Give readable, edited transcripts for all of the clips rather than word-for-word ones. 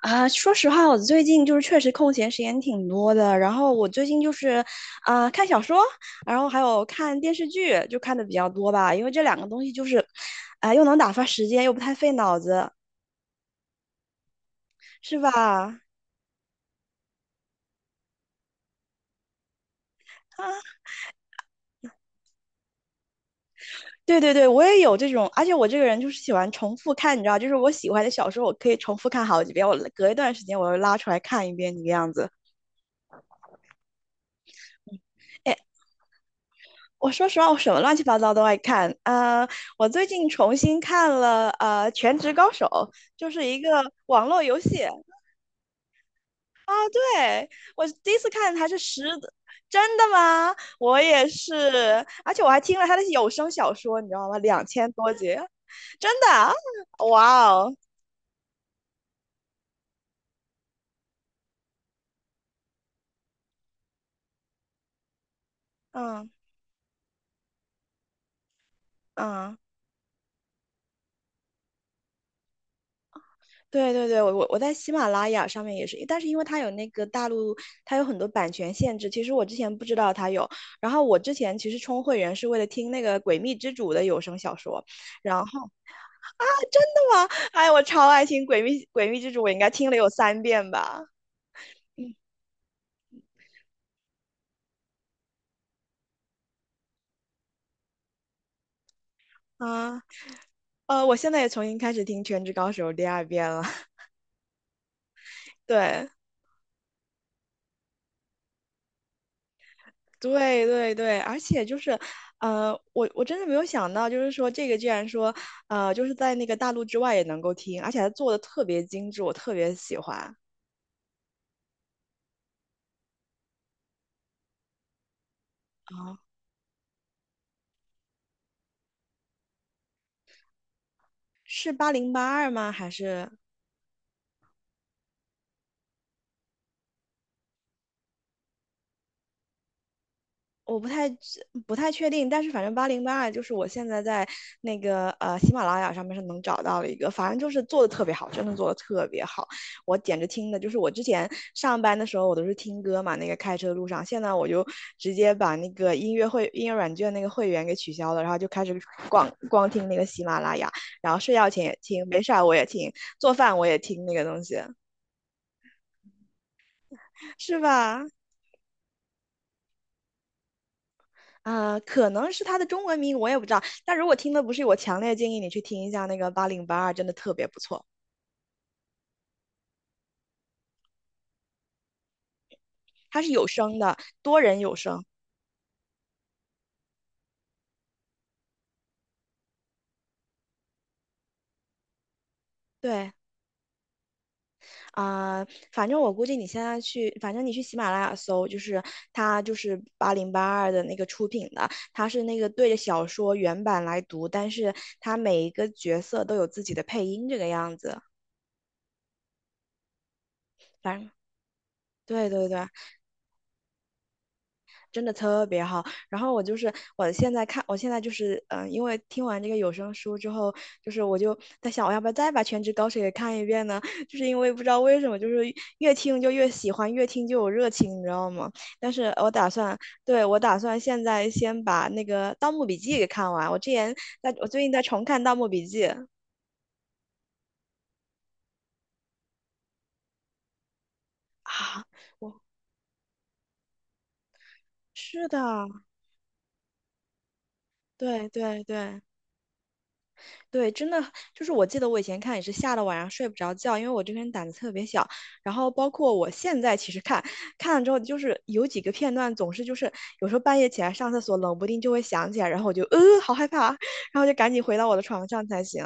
啊，说实话，我最近就是确实空闲时间挺多的。然后我最近就是，看小说，然后还有看电视剧，就看的比较多吧。因为这两个东西就是，又能打发时间，又不太费脑子，是吧？啊，对对对，我也有这种，而且我这个人就是喜欢重复看，你知道，就是我喜欢的小说，我可以重复看好几遍，我隔一段时间我又拉出来看一遍，这个样子。哎我说实话，我什么乱七八糟都爱看我最近重新看了《全职高手》，就是一个网络游戏。啊。对，我第一次看还是十，真的吗？我也是，而且我还听了他的有声小说，你知道吗？2000多集，真的啊，哇哦，嗯嗯。对对对，我在喜马拉雅上面也是，但是因为它有那个大陆，它有很多版权限制。其实我之前不知道它有，然后我之前其实充会员是为了听那个《诡秘之主》的有声小说，然后啊，真的吗？哎，我超爱听诡秘之主》，我应该听了有3遍吧？啊，呃，我现在也重新开始听《全职高手》第2遍了。对，对对对，而且就是，我真的没有想到，就是说这个居然说，就是在那个大陆之外也能够听，而且还做的特别精致，我特别喜欢啊，是八零八二吗？还是我不太确定，但是反正八零八二就是我现在在那个喜马拉雅上面是能找到的一个，反正就是做的特别好，真的做的特别好，我简直听的就是我之前上班的时候我都是听歌嘛，那个开车路上，现在我就直接把那个音乐软件那个会员给取消了，然后就开始光光听那个喜马拉雅，然后睡觉前也听，没事儿我也听，做饭我也听那个东西，是吧？啊，可能是它的中文名，我也不知道。但如果听的不是，我强烈建议你去听一下那个八零八二，真的特别不错，它是有声的，多人有声。对啊，反正我估计你现在去，反正你去喜马拉雅搜，就是它就是八零八二的那个出品的，它是那个对着小说原版来读，但是它每一个角色都有自己的配音，这个样子。反正对对对，真的特别好。然后我就是我现在看，我现在就是因为听完这个有声书之后，就是我就在想，我要不要再把《全职高手》也看一遍呢？就是因为不知道为什么，就是越听就越喜欢，越听就有热情，你知道吗？但是我打算，对，我打算现在先把那个《盗墓笔记》给看完。我最近在重看《盗墓笔记》啊，我是的，对对对。对，真的就是我记得我以前看也是吓得晚上睡不着觉，因为我这个人胆子特别小。然后包括我现在其实看了之后，就是有几个片段总是就是有时候半夜起来上厕所，冷不丁就会想起来，然后我就好害怕，然后就赶紧回到我的床上才行。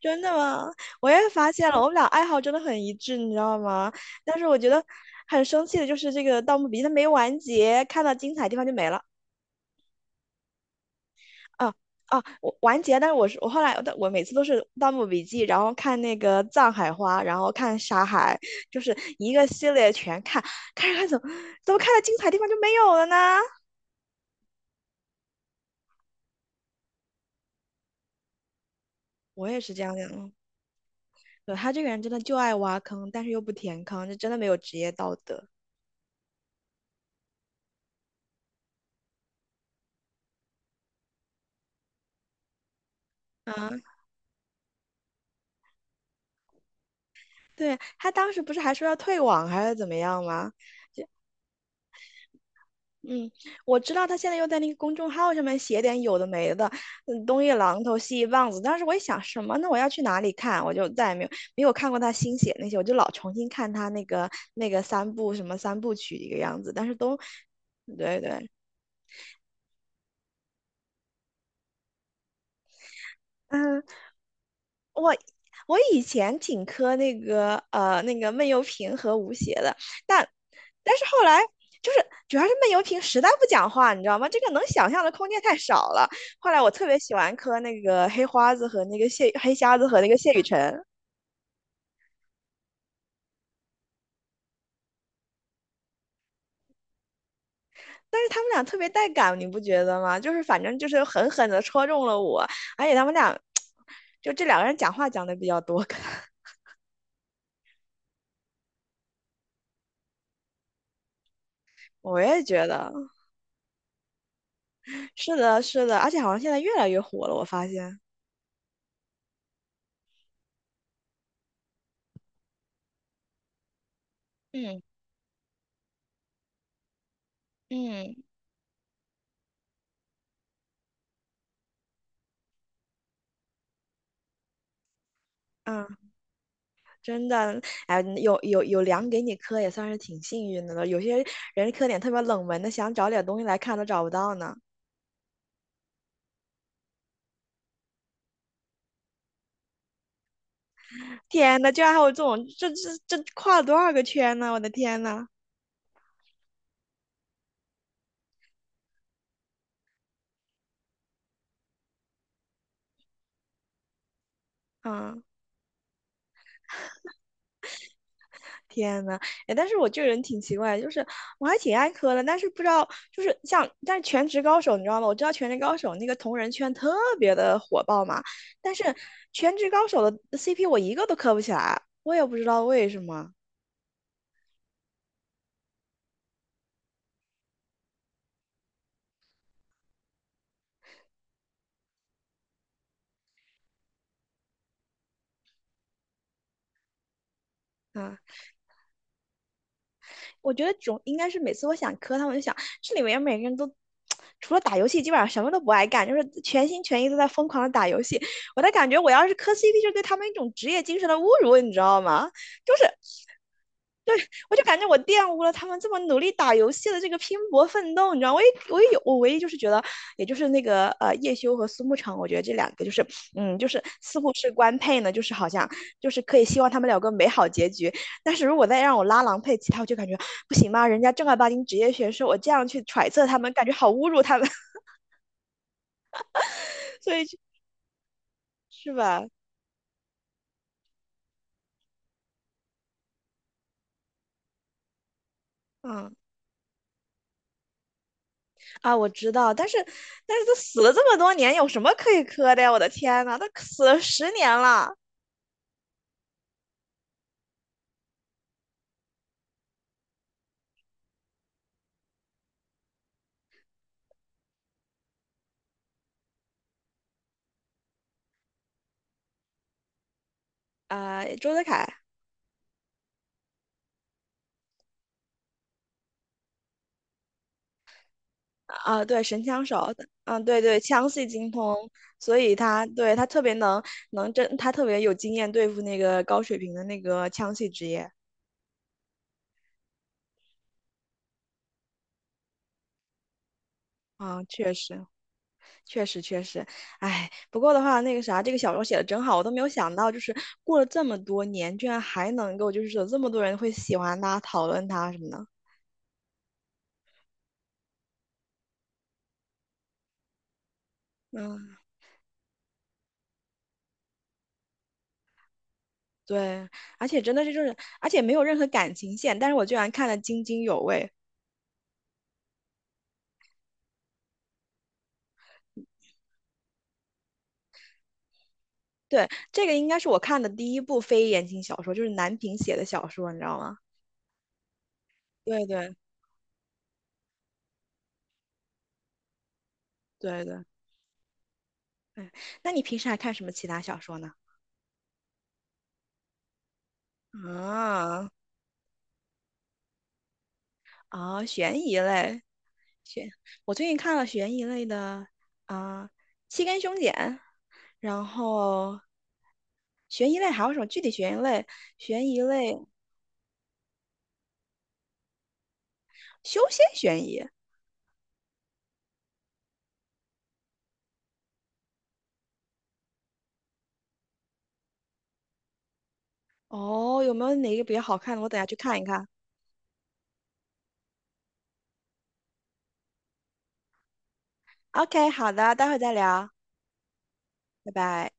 真的吗？我也发现了，我们俩爱好真的很一致，你知道吗？但是我觉得很生气的就是这个《盗墓笔记》它没完结，看到精彩地方就没了。啊啊，我完结，但是我后来但我每次都是《盗墓笔记》，然后看那个《藏海花》，然后看《沙海》，就是一个系列全看，看着看着怎么看到精彩地方就没有了呢？我也是这样想，对，他这个人真的就爱挖坑，但是又不填坑，这真的没有职业道德。啊，对，他当时不是还说要退网还是怎么样吗？嗯，我知道他现在又在那个公众号上面写点有的没的，嗯，东一榔头西一棒子。当时我一想，什么呢？我要去哪里看？我就再也没有没有看过他新写那些，我就老重新看他那个三部三部曲一个样子，但是都，对对，嗯。我我以前挺磕那个闷油瓶和吴邪的，但但是后来就是主要是闷油瓶实在不讲话，你知道吗？这个能想象的空间太少了。后来我特别喜欢磕那个黑花子和那个谢黑瞎子和那个谢雨辰，但是他们俩特别带感，你不觉得吗？就是反正就是狠狠的戳中了我，而且他们俩就这两个人讲话讲的比较多，我也觉得是的，是的，而且好像现在越来越火了，我发现。嗯嗯。嗯，真的，哎，有粮给你磕，也算是挺幸运的了。有些人磕点特别冷门的，想找点东西来看都找不到呢。天呐，居然还有这种，这跨了多少个圈呢？我的天呐，嗯，天呐，哎，但是我这个人挺奇怪，就是我还挺爱磕的，但是不知道，就是像，但是全职高手你知道吗？我知道全职高手那个同人圈特别的火爆嘛，但是全职高手的 CP 我一个都磕不起来，我也不知道为什么。啊。我觉得总应该是每次我想磕他们，就想这里面每个人都除了打游戏，基本上什么都不爱干，就是全心全意都在疯狂的打游戏。我的感觉，我要是磕 CP,就是对他们一种职业精神的侮辱，你知道吗？就是我就感觉我玷污了他们这么努力打游戏的这个拼搏奋斗，你知道，我也有，我唯一就是觉得，也就是叶修和苏沐橙，我觉得这两个就是嗯，就是似乎是官配呢，就是好像就是可以希望他们两个美好结局，但是如果再让我拉郎配其他，我就感觉不行吧，人家正儿八经职业选手，我这样去揣测他们，感觉好侮辱他们，所以是吧？嗯啊，我知道，但是都死了这么多年，有什么可以磕的呀？我的天呐，都死了10年了周泽楷。啊，对，神枪手，嗯，对对，枪系精通，所以他对他特别能他特别有经验对付那个高水平的那个枪系职业。啊，确实，确实，确实，哎，不过的话，那个啥，这个小说写的真好，我都没有想到，就是过了这么多年，居然还能够，就是有这么多人会喜欢他、讨论他什么的。嗯，对，而且真的是就是，而且没有任何感情线，但是我居然看得津津有味。对，这个应该是我看的第一部非言情小说，就是南平写的小说，你知道吗？对对对对，哎，那你平时还看什么其他小说呢？啊啊，悬疑类，悬，我最近看了悬疑类的啊，《七根凶简然后悬疑类还有什么具体悬疑类？悬疑类，修仙悬疑。哦，有没有哪个比较好看的？我等下去看一看。OK,好的，待会儿再聊，拜拜。